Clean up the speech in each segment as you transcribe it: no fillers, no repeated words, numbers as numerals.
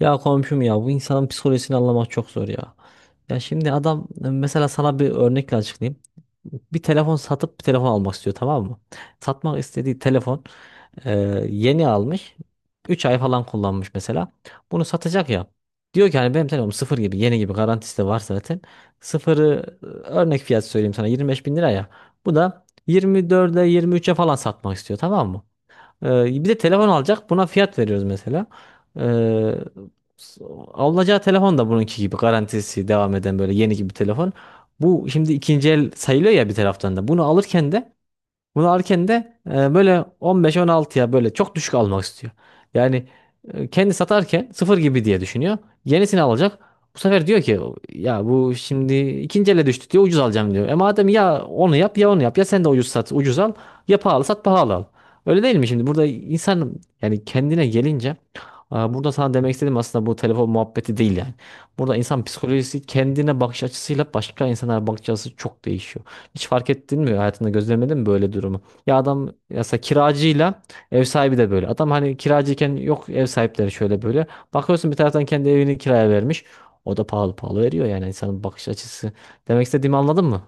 Ya komşum, ya bu insanın psikolojisini anlamak çok zor ya. Ya şimdi adam, mesela sana bir örnekle açıklayayım. Bir telefon satıp bir telefon almak istiyor, tamam mı? Satmak istediği telefon e, yeni almış. Üç ay falan kullanmış mesela. Bunu satacak ya. Diyor ki hani benim telefonum sıfır gibi, yeni gibi, garantisi de var zaten. Sıfırı örnek fiyat söyleyeyim sana, 25 bin lira ya. Bu da 24'e, 23'e falan satmak istiyor, tamam mı? Bir de telefon alacak. Buna fiyat veriyoruz mesela. Ee, s- alınacağı telefon da bununki gibi garantisi devam eden, böyle yeni gibi bir telefon. Bu şimdi ikinci el sayılıyor ya bir taraftan da. Bunu alırken de böyle 15-16'ya, böyle çok düşük almak istiyor. Yani kendi satarken sıfır gibi diye düşünüyor. Yenisini alacak. Bu sefer diyor ki ya bu şimdi ikinci ele düştü diyor, ucuz alacağım diyor. E madem, ya onu yap ya onu yap, ya sen de ucuz sat ucuz al, ya pahalı sat pahalı al. Öyle değil mi şimdi? Burada insan, yani kendine gelince, burada sana demek istediğim aslında bu telefon muhabbeti değil yani. Burada insan psikolojisi, kendine bakış açısıyla başka insanlara bakış açısı çok değişiyor. Hiç fark ettin mi? Hayatında gözlemledin mi böyle durumu? Ya adam, ya mesela kiracıyla ev sahibi de böyle. Adam hani kiracıyken yok ev sahipleri şöyle böyle. Bakıyorsun bir taraftan kendi evini kiraya vermiş. O da pahalı pahalı veriyor, yani insanın bakış açısı. Demek istediğimi anladın mı?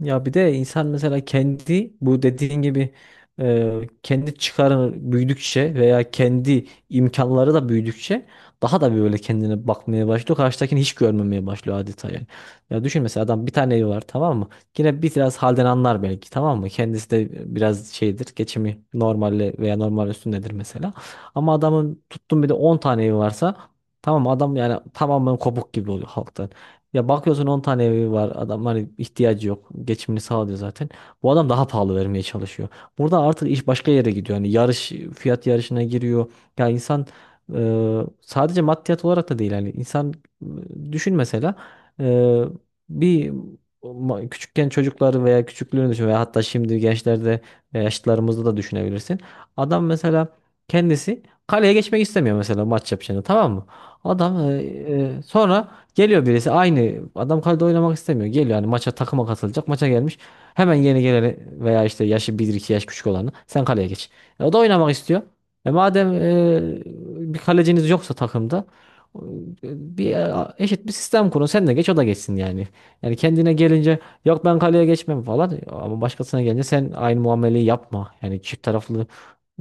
Ya bir de insan mesela kendi, bu dediğin gibi, kendi çıkarı büyüdükçe veya kendi imkanları da büyüdükçe daha da böyle kendine bakmaya başlıyor. Karşıdakini hiç görmemeye başlıyor adeta yani. Ya düşün mesela, adam bir tane evi var, tamam mı? Yine biraz halden anlar belki, tamam mı? Kendisi de biraz şeydir, geçimi normalle veya normal üstündedir mesela. Ama adamın tuttum bir de 10 tane evi varsa, tamam mı, adam yani tamamen kopuk gibi oluyor halkta. Ya bakıyorsun 10 tane evi var adam, hani ihtiyacı yok. Geçimini sağlıyor zaten. Bu adam daha pahalı vermeye çalışıyor. Burada artık iş başka yere gidiyor. Hani yarış, fiyat yarışına giriyor. Ya insan sadece maddiyat olarak da değil, yani insan düşün mesela e, bir küçükken çocukları veya küçüklüğünü düşün, veya hatta şimdi gençlerde veya yaşlılarımızda da düşünebilirsin. Adam mesela kendisi kaleye geçmek istemiyor mesela, maç yapacağını, tamam mı? Adam e, e, sonra geliyor birisi, aynı adam kalede oynamak istemiyor. Geliyor hani maça, takıma katılacak. Maça gelmiş. Hemen yeni geleni veya işte yaşı bir iki yaş küçük olanı, sen kaleye geç. E, o da oynamak istiyor. E madem, bir kaleciniz yoksa takımda, e, bir eşit bir sistem kurun. Sen de geç o da geçsin yani. Yani kendine gelince yok ben kaleye geçmem falan, e ama başkasına gelince sen aynı muameleyi yapma. Yani çift taraflı,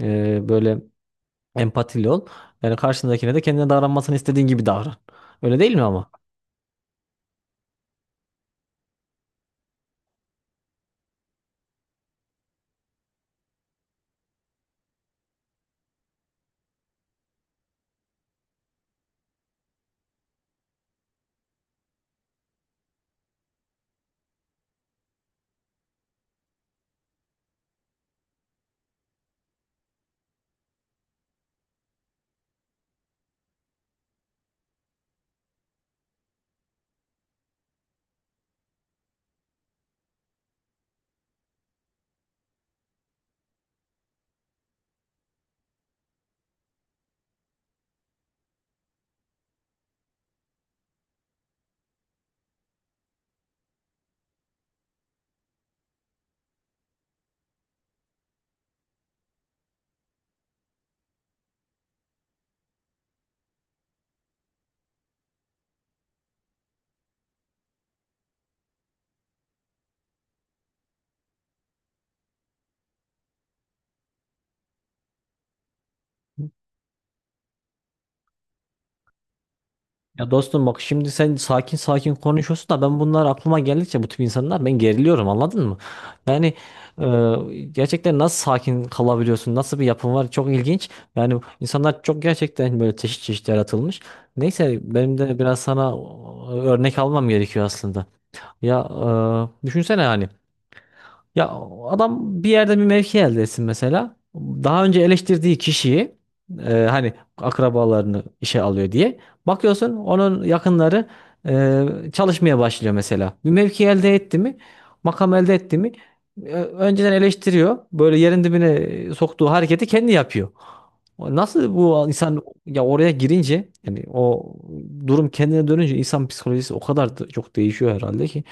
böyle empatili ol. Yani karşındakine de kendine davranmasını istediğin gibi davran. Öyle değil mi ama? Ya dostum, bak şimdi sen sakin sakin konuşuyorsun da ben bunlar aklıma geldikçe, bu tip insanlar, ben geriliyorum, anladın mı? Yani gerçekten nasıl sakin kalabiliyorsun? Nasıl bir yapın var? Çok ilginç. Yani insanlar çok gerçekten böyle çeşit çeşit yaratılmış. Neyse benim de biraz sana örnek almam gerekiyor aslında. Ya düşünsene yani, ya adam bir yerde bir mevki elde etsin mesela. Daha önce eleştirdiği kişiyi, hani akrabalarını işe alıyor diye. Bakıyorsun onun yakınları çalışmaya başlıyor mesela. Bir mevki elde etti mi, makam elde etti mi, önceden eleştiriyor. Böyle yerin dibine soktuğu hareketi kendi yapıyor. Nasıl bu insan ya, oraya girince, yani o durum kendine dönünce, insan psikolojisi o kadar da çok değişiyor herhalde ki.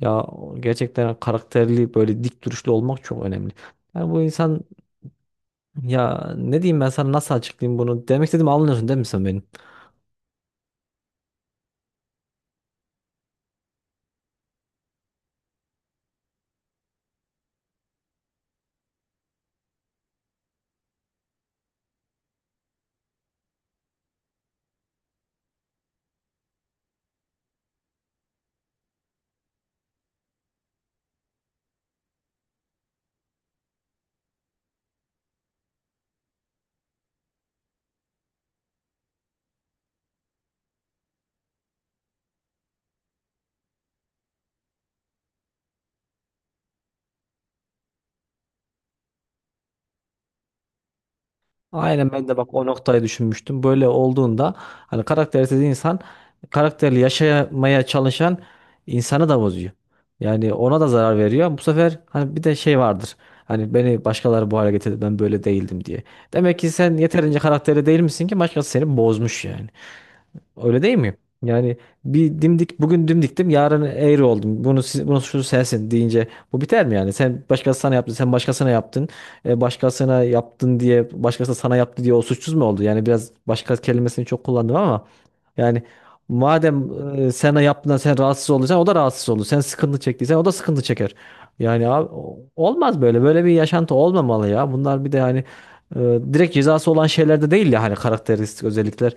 Ya gerçekten karakterli, böyle dik duruşlu olmak çok önemli. Yani bu insan, ya ne diyeyim ben sana, nasıl açıklayayım bunu? Demek istediğimi anlıyorsun değil mi sen benim? Aynen, ben de bak o noktayı düşünmüştüm. Böyle olduğunda, hani karaktersiz insan karakterli yaşamaya çalışan insanı da bozuyor. Yani ona da zarar veriyor. Bu sefer hani bir de şey vardır. Hani beni başkaları bu hale getirdi, ben böyle değildim diye. Demek ki sen yeterince karakterli değil misin ki başkası seni bozmuş yani. Öyle değil mi? Yani bir dimdik, bugün dimdiktim yarın eğri oldum. Bunun suçlusu sensin deyince bu biter mi yani? Sen başkasına, sana yaptı, sen başkasına yaptın. E, başkasına yaptın diye, başkası sana yaptı diye o suçsuz mu oldu? Yani biraz başka kelimesini çok kullandım ama yani madem sana yaptığından sen rahatsız olacaksın, o da rahatsız olur. Sen sıkıntı çektiysen o da sıkıntı çeker. Yani abi, olmaz böyle. Böyle bir yaşantı olmamalı ya. Bunlar bir de hani e, direkt cezası olan şeyler de değil ya, hani karakteristik özellikler.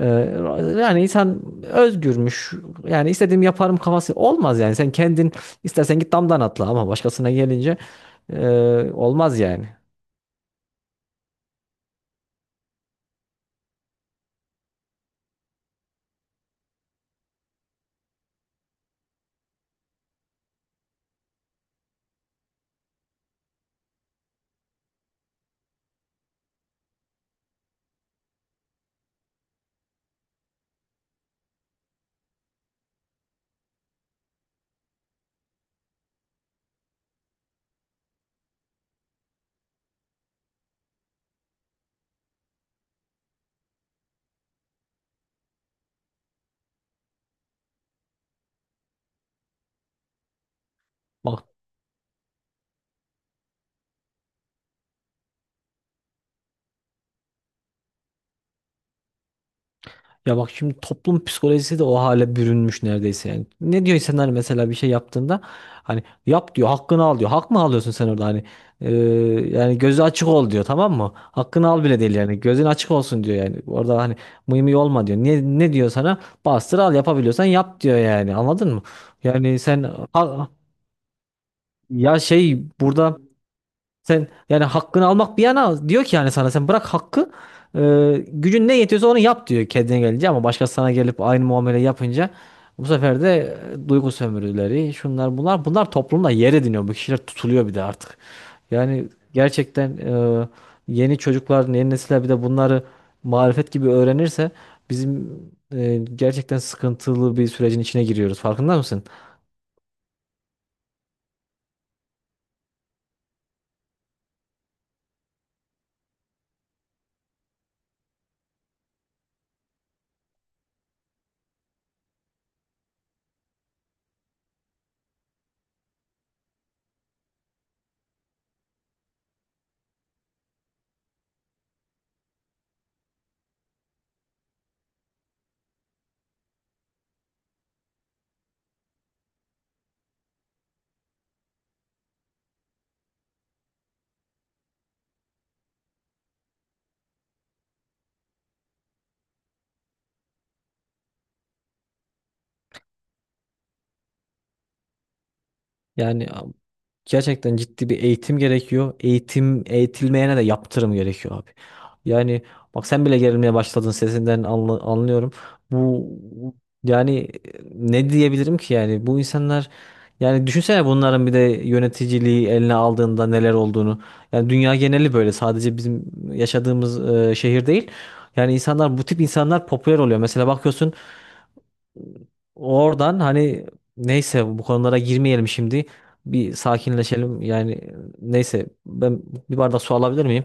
Ee, yani insan özgürmüş. Yani istediğimi yaparım kafası olmaz yani. Sen kendin istersen git damdan atla, ama başkasına gelince, e, olmaz yani. Bak, ya bak şimdi toplum psikolojisi de o hale bürünmüş neredeyse yani. Ne diyor insanlar mesela bir şey yaptığında, hani yap diyor, hakkını al diyor. Hak mı alıyorsun sen orada hani? Ee, yani gözü açık ol diyor, tamam mı? Hakkını al bile değil yani, gözün açık olsun diyor yani. Orada hani mıy mıy olma diyor. Ne, ne diyor sana? Bastır al, yapabiliyorsan yap diyor yani, anladın mı? Yani sen, ha- ya şey, burada sen yani hakkını almak bir yana, diyor ki yani sana, sen bırak hakkı, e, gücün ne yetiyorsa onu yap diyor kendine gelince, ama başkası sana gelip aynı muamele yapınca, bu sefer de duygu sömürüleri, şunlar bunlar, bunlar toplumda yer ediniyor, bu kişiler tutuluyor bir de artık. Yani gerçekten yeni çocuklar, yeni nesiller bir de bunları marifet gibi öğrenirse bizim, gerçekten sıkıntılı bir sürecin içine giriyoruz, farkında mısın? Yani gerçekten ciddi bir eğitim gerekiyor. Eğitim, eğitilmeyene de yaptırım gerekiyor abi. Yani bak sen bile gerilmeye başladın, sesinden anlıyorum. Bu, yani ne diyebilirim ki yani, bu insanlar, yani düşünsene bunların bir de yöneticiliği eline aldığında neler olduğunu. Yani dünya geneli böyle, sadece bizim yaşadığımız şehir değil. Yani insanlar, bu tip insanlar popüler oluyor. Mesela bakıyorsun, oradan hani, neyse bu konulara girmeyelim şimdi. Bir sakinleşelim. Yani neyse, ben bir bardak su alabilir miyim?